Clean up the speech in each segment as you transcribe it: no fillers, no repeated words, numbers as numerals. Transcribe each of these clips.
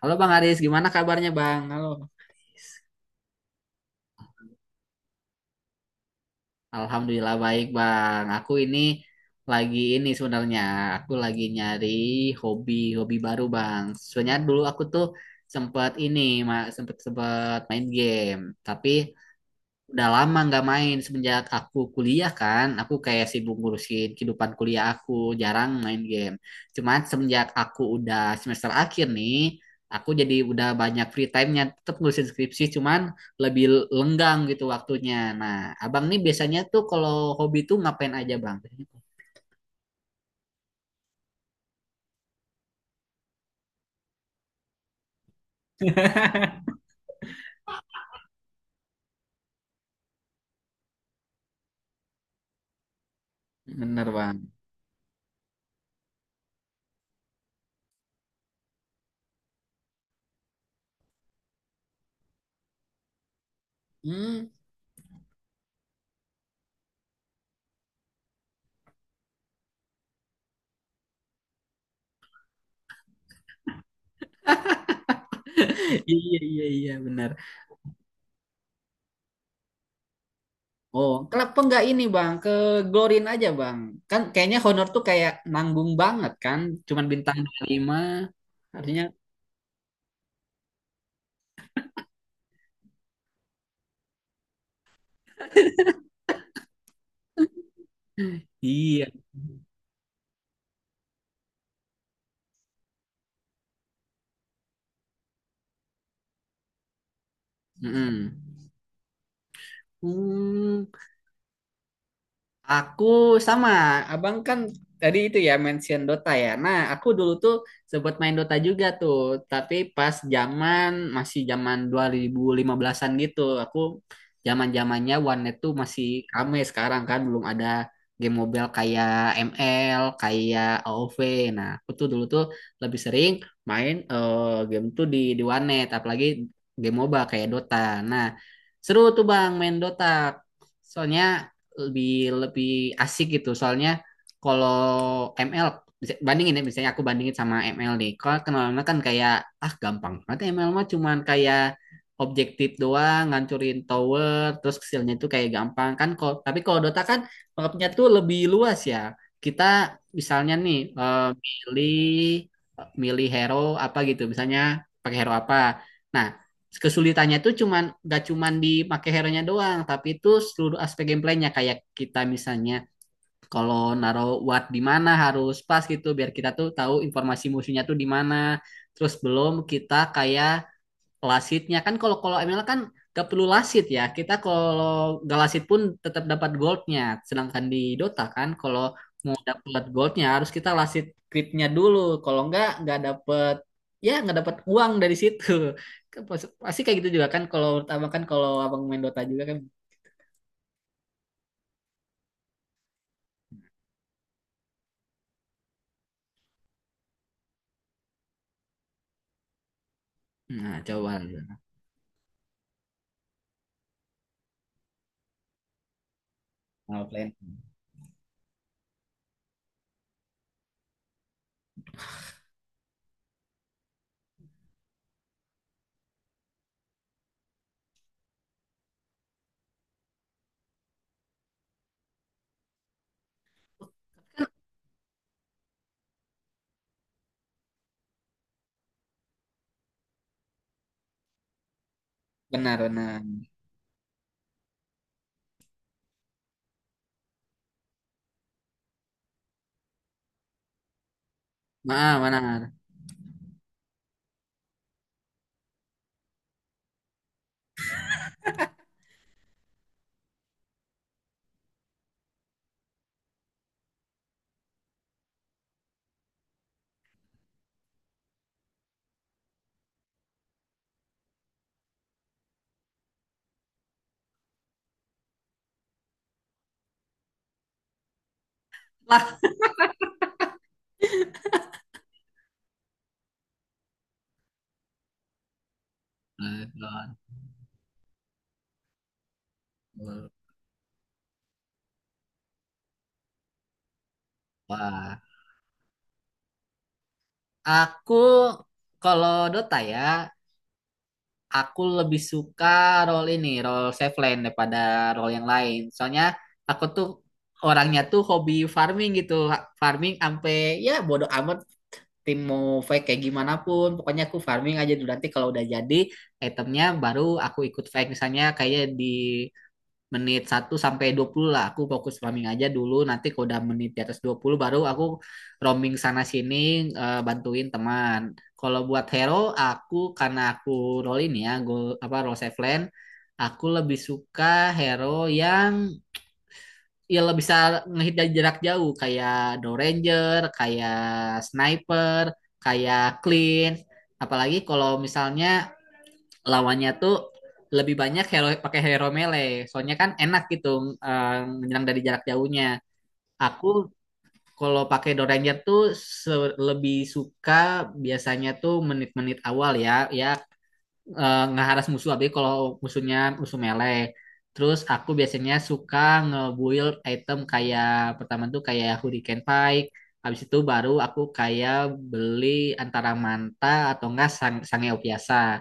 Halo Bang Aris, gimana kabarnya Bang? Halo. Alhamdulillah baik Bang. Aku ini lagi ini sebenarnya aku lagi nyari hobi hobi baru Bang. Sebenarnya dulu aku tuh sempat ini sempat sempat main game, tapi udah lama nggak main semenjak aku kuliah kan aku kayak sibuk ngurusin kehidupan kuliah aku jarang main game cuman semenjak aku udah semester akhir nih aku jadi udah banyak free time-nya tetap ngurusin skripsi cuman lebih lenggang gitu waktunya. Nah, abang nih biasanya tuh kalau hobi tuh ngapain aja bang? Bener bang. Hmm. Iya, iya, iya, bener. Oh, kenapa nggak ini bang? Ke Glorin aja bang. Kan kayaknya honor tuh kayak nanggung banget kan. Cuman bintang 25. Artinya iya. Mm-mm. Hmm. Aku sama, abang kan tadi itu ya mention Dota ya. Nah, aku dulu tuh sempat main Dota juga tuh, tapi pas zaman masih zaman 2015-an gitu. Aku zaman-zamannya warnet tuh masih rame sekarang kan, belum ada game mobile kayak ML, kayak AoV. Nah, aku tuh dulu tuh lebih sering main game tuh di warnet, apalagi game MOBA kayak Dota. Nah, seru tuh Bang main Dota. Soalnya lebih lebih asik gitu. Soalnya kalau ML bandingin ya misalnya aku bandingin sama ML nih. Kalau kenal kan kayak ah gampang. Nanti ML mah cuman kayak objektif doang, ngancurin tower, terus hasilnya itu kayak gampang kan. Kalau tapi kalau Dota kan mapnya tuh lebih luas ya. Kita misalnya nih milih hero apa gitu. Misalnya pakai hero apa. Nah, kesulitannya itu cuman gak cuman di make hero-nya doang, tapi itu seluruh aspek gameplaynya kayak kita misalnya kalau naruh watt di mana harus pas gitu biar kita tuh tahu informasi musuhnya tuh di mana. Terus belum kita kayak Lasitnya kan kalau kalau ML kan gak perlu lasit ya. Kita kalau gak lasit pun tetap dapat goldnya. Sedangkan di Dota kan kalau mau dapat goldnya harus kita lasit critnya dulu. Kalau enggak nggak dapat ya nggak dapat uang dari situ. Pasti kayak gitu juga kan kalau menurut abang kan kalau abang main Dota juga kan. Nah coba. Nah, plan. Benar benar. Nah benar. Lah. Wah, aku kalau Dota ya aku lebih suka role ini, role safe lane daripada role yang lain. Soalnya aku tuh orangnya tuh hobi farming gitu, farming sampai ya bodo amat tim mau fake kayak gimana pun, pokoknya aku farming aja dulu nanti kalau udah jadi itemnya baru aku ikut fake misalnya kayak di menit 1 sampai 20 lah aku fokus roaming aja dulu nanti kalau udah menit di atas 20 baru aku roaming sana sini bantuin teman kalau buat hero aku karena aku roll ini ya go apa roll safe lane aku lebih suka hero yang ya lebih bisa ngehit dari jarak jauh kayak Doranger kayak sniper kayak clean apalagi kalau misalnya lawannya tuh lebih banyak hero pakai hero melee. Soalnya kan enak gitu eh, menyerang dari jarak jauhnya. Aku kalau pakai Doranger tuh lebih suka biasanya tuh menit-menit awal ya. Ya ngeharas musuh tapi kalau musuhnya musuh melee terus aku biasanya suka nge-build item kayak pertama tuh kayak Hurricane Pike habis itu baru aku kayak beli antara manta atau enggak sang sangeo biasa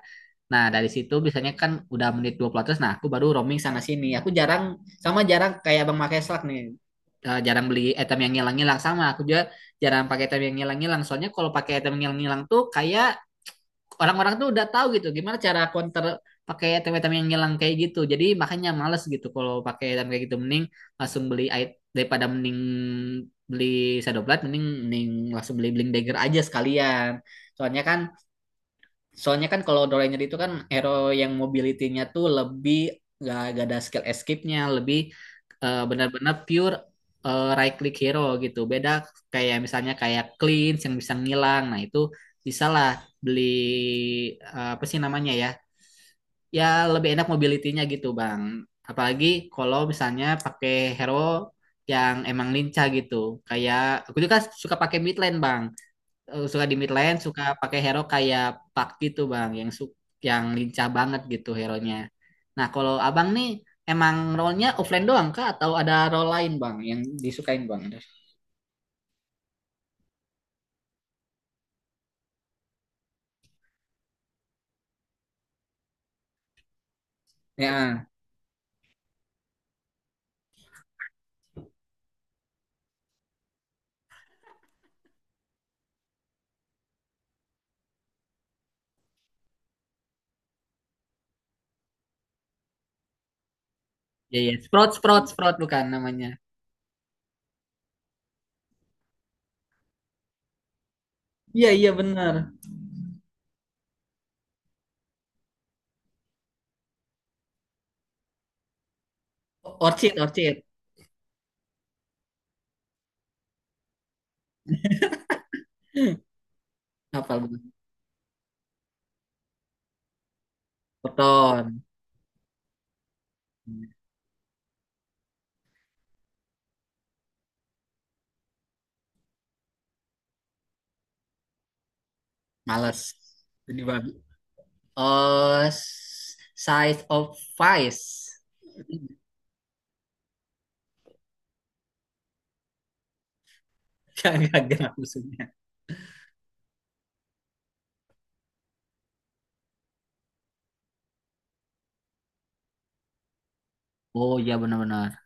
nah dari situ biasanya kan udah menit 20 nah aku baru roaming sana sini aku jarang sama jarang kayak Bang Make Slug nih jarang beli item yang ngilang-ngilang sama aku juga jarang pakai item yang ngilang-ngilang soalnya kalau pakai item yang ngilang-ngilang tuh kayak orang-orang tuh udah tahu gitu gimana cara counter pakai item-item yang hilang kayak gitu. Jadi makanya males gitu kalau pakai item kayak gitu mending langsung beli item daripada mending beli Shadow mending mending langsung beli Blink Dagger aja sekalian. Soalnya kan Soalnya kan kalau Doraemon itu kan hero yang mobility-nya tuh lebih gak ada skill escape-nya, lebih benar-benar pure right click hero gitu. Beda kayak misalnya kayak Cleanse yang bisa ngilang. Nah, itu bisa lah beli apa sih namanya ya? Ya lebih enak mobility-nya gitu, Bang. Apalagi kalau misalnya pakai hero yang emang lincah gitu. Kayak aku juga suka pakai mid lane, Bang suka di mid lane, suka pakai hero kayak Pakti tuh Bang, yang lincah banget gitu hero-nya. Nah, kalau Abang nih emang role-nya offlane doang kah atau ada role lain Bang yang disukain Bang? Ya, ya, ya. Sprout Sprout Sprout bukan namanya. Iya, iya, benar. Orchid Orchid. Apa gue? Proton. Males. Jadi babi. Oh, size of Vice. Gak musuhnya. Oh iya benar-benar.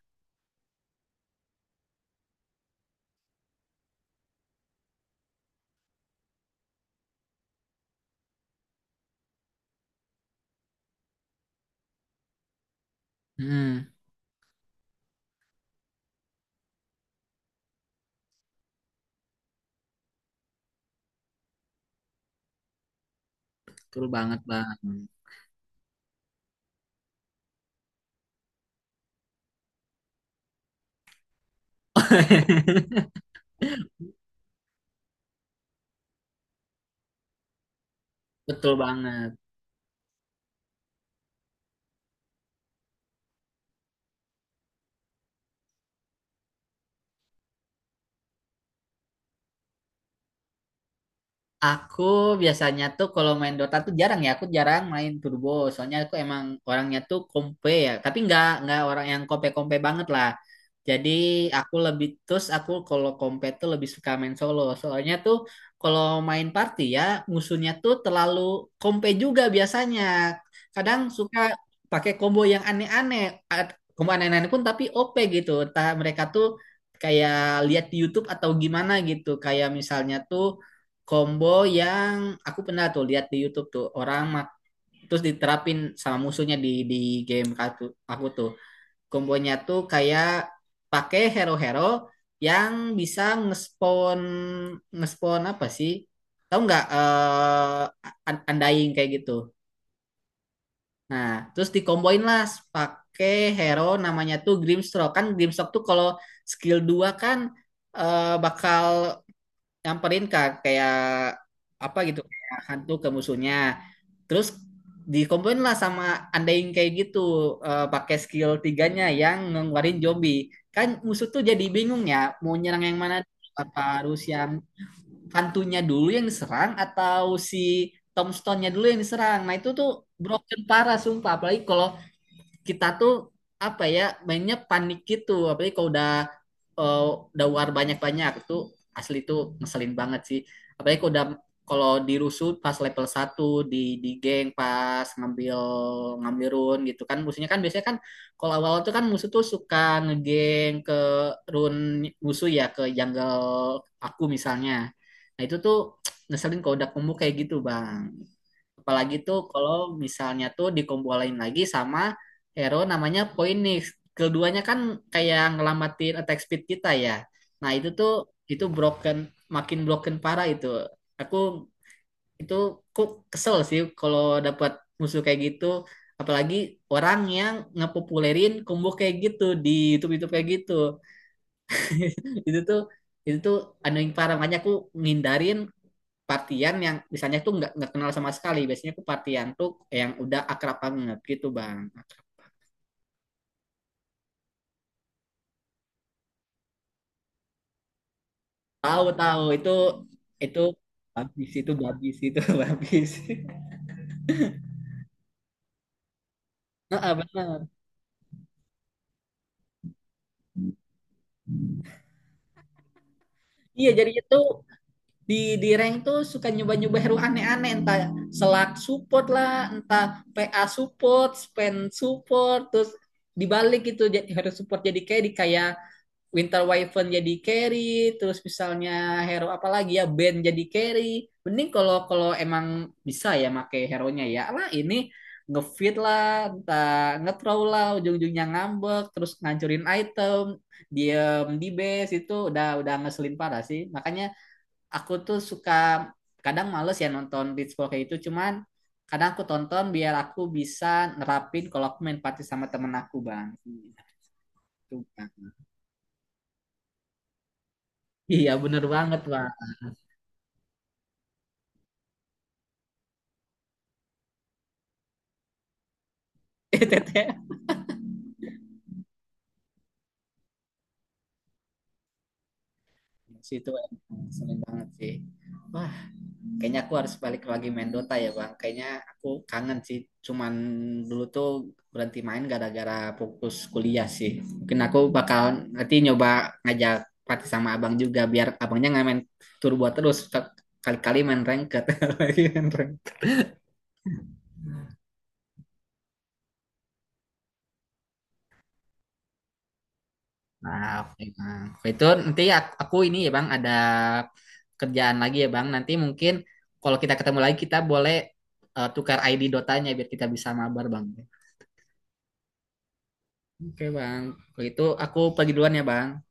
Hmm, betul banget bang. Betul banget. Aku biasanya tuh kalau main Dota tuh jarang ya, aku jarang main turbo. Soalnya aku emang orangnya tuh kompe ya, tapi nggak orang yang kompe-kompe banget lah. Jadi aku lebih terus aku kalau kompe tuh lebih suka main solo. Soalnya tuh kalau main party ya musuhnya tuh terlalu kompe juga biasanya. Kadang suka pakai combo yang aneh-aneh, combo aneh-aneh pun tapi OP gitu. Entah mereka tuh kayak lihat di YouTube atau gimana gitu. Kayak misalnya tuh combo yang aku pernah tuh lihat di YouTube tuh orang mak terus diterapin sama musuhnya di game aku tuh kombonya tuh kayak pakai hero-hero yang bisa ngespon ngespon apa sih tahu nggak undying kayak gitu nah terus dikomboin lah pakai hero namanya tuh Grimstroke kan Grimstroke tuh kalau skill 2 kan bakal nyamperin kak kayak apa gitu kayak hantu ke musuhnya terus dikomplain lah sama andain kayak gitu pakai skill 3-nya yang ngeluarin zombie kan musuh tuh jadi bingung ya mau nyerang yang mana apa harus yang hantunya dulu yang diserang atau si tombstone-nya dulu yang diserang nah itu tuh broken parah sumpah apalagi kalau kita tuh apa ya mainnya panik gitu apalagi kalau udah eh, udah war banyak-banyak itu asli itu ngeselin banget sih apalagi kalau udah kalau dirusuh pas level 1 di geng pas ngambil ngambil run gitu kan musuhnya kan biasanya kan kalau awal tuh kan musuh tuh suka ngegeng ke run musuh ya ke jungle aku misalnya nah itu tuh ngeselin kalau udah kumpul kayak gitu bang. Apalagi tuh kalau misalnya tuh dikumpulin lagi sama hero namanya Phoenix. Keduanya kan kayak ngelambatin attack speed kita ya. Nah itu tuh itu broken makin broken parah itu. Aku itu kok kesel sih kalau dapat musuh kayak gitu. Apalagi orang yang ngepopulerin combo kayak gitu di YouTube-YouTube kayak gitu. Itu tuh itu tuh anu parah makanya aku ngindarin partian yang misalnya tuh nggak kenal sama sekali biasanya tuh partian tuh yang udah akrab banget gitu bang. Tahu tahu itu habis itu habis itu habis. Heeh, benar. Iya jadi itu di di rank tuh suka nyoba nyoba hero aneh aneh entah selak support lah entah PA support spend support terus dibalik gitu jadi hero support jadi kayak di kayak Winter Wyvern jadi carry, terus misalnya hero apa lagi ya Ben jadi carry. Mending kalau kalau emang bisa ya make hero-nya ya. Lah ini ngefit lah, entah nge-throw lah, ujung-ujungnya ngambek, terus ngancurin item, diem di base itu udah ngeselin parah sih. Makanya aku tuh suka kadang males ya nonton Blitzball kayak itu, cuman kadang aku tonton biar aku bisa nerapin kalau aku main party sama temen aku bang. Gitu, Bang. Iya bener banget bang. ETT situ seneng banget sih wah kayaknya aku harus balik lagi main Dota ya bang kayaknya aku kangen sih cuman dulu tuh berhenti main gara-gara fokus kuliah sih mungkin aku bakal nanti nyoba ngajak party sama abang juga biar abangnya nggak main turbo terus kali-kali main ranked. Nah, oke Bang. Itu nanti aku ini ya Bang ada kerjaan lagi ya Bang. Nanti mungkin kalau kita ketemu lagi kita boleh tukar ID Dotanya biar kita bisa mabar Bang. Oke Bang. Kalau itu aku pergi duluan ya Bang.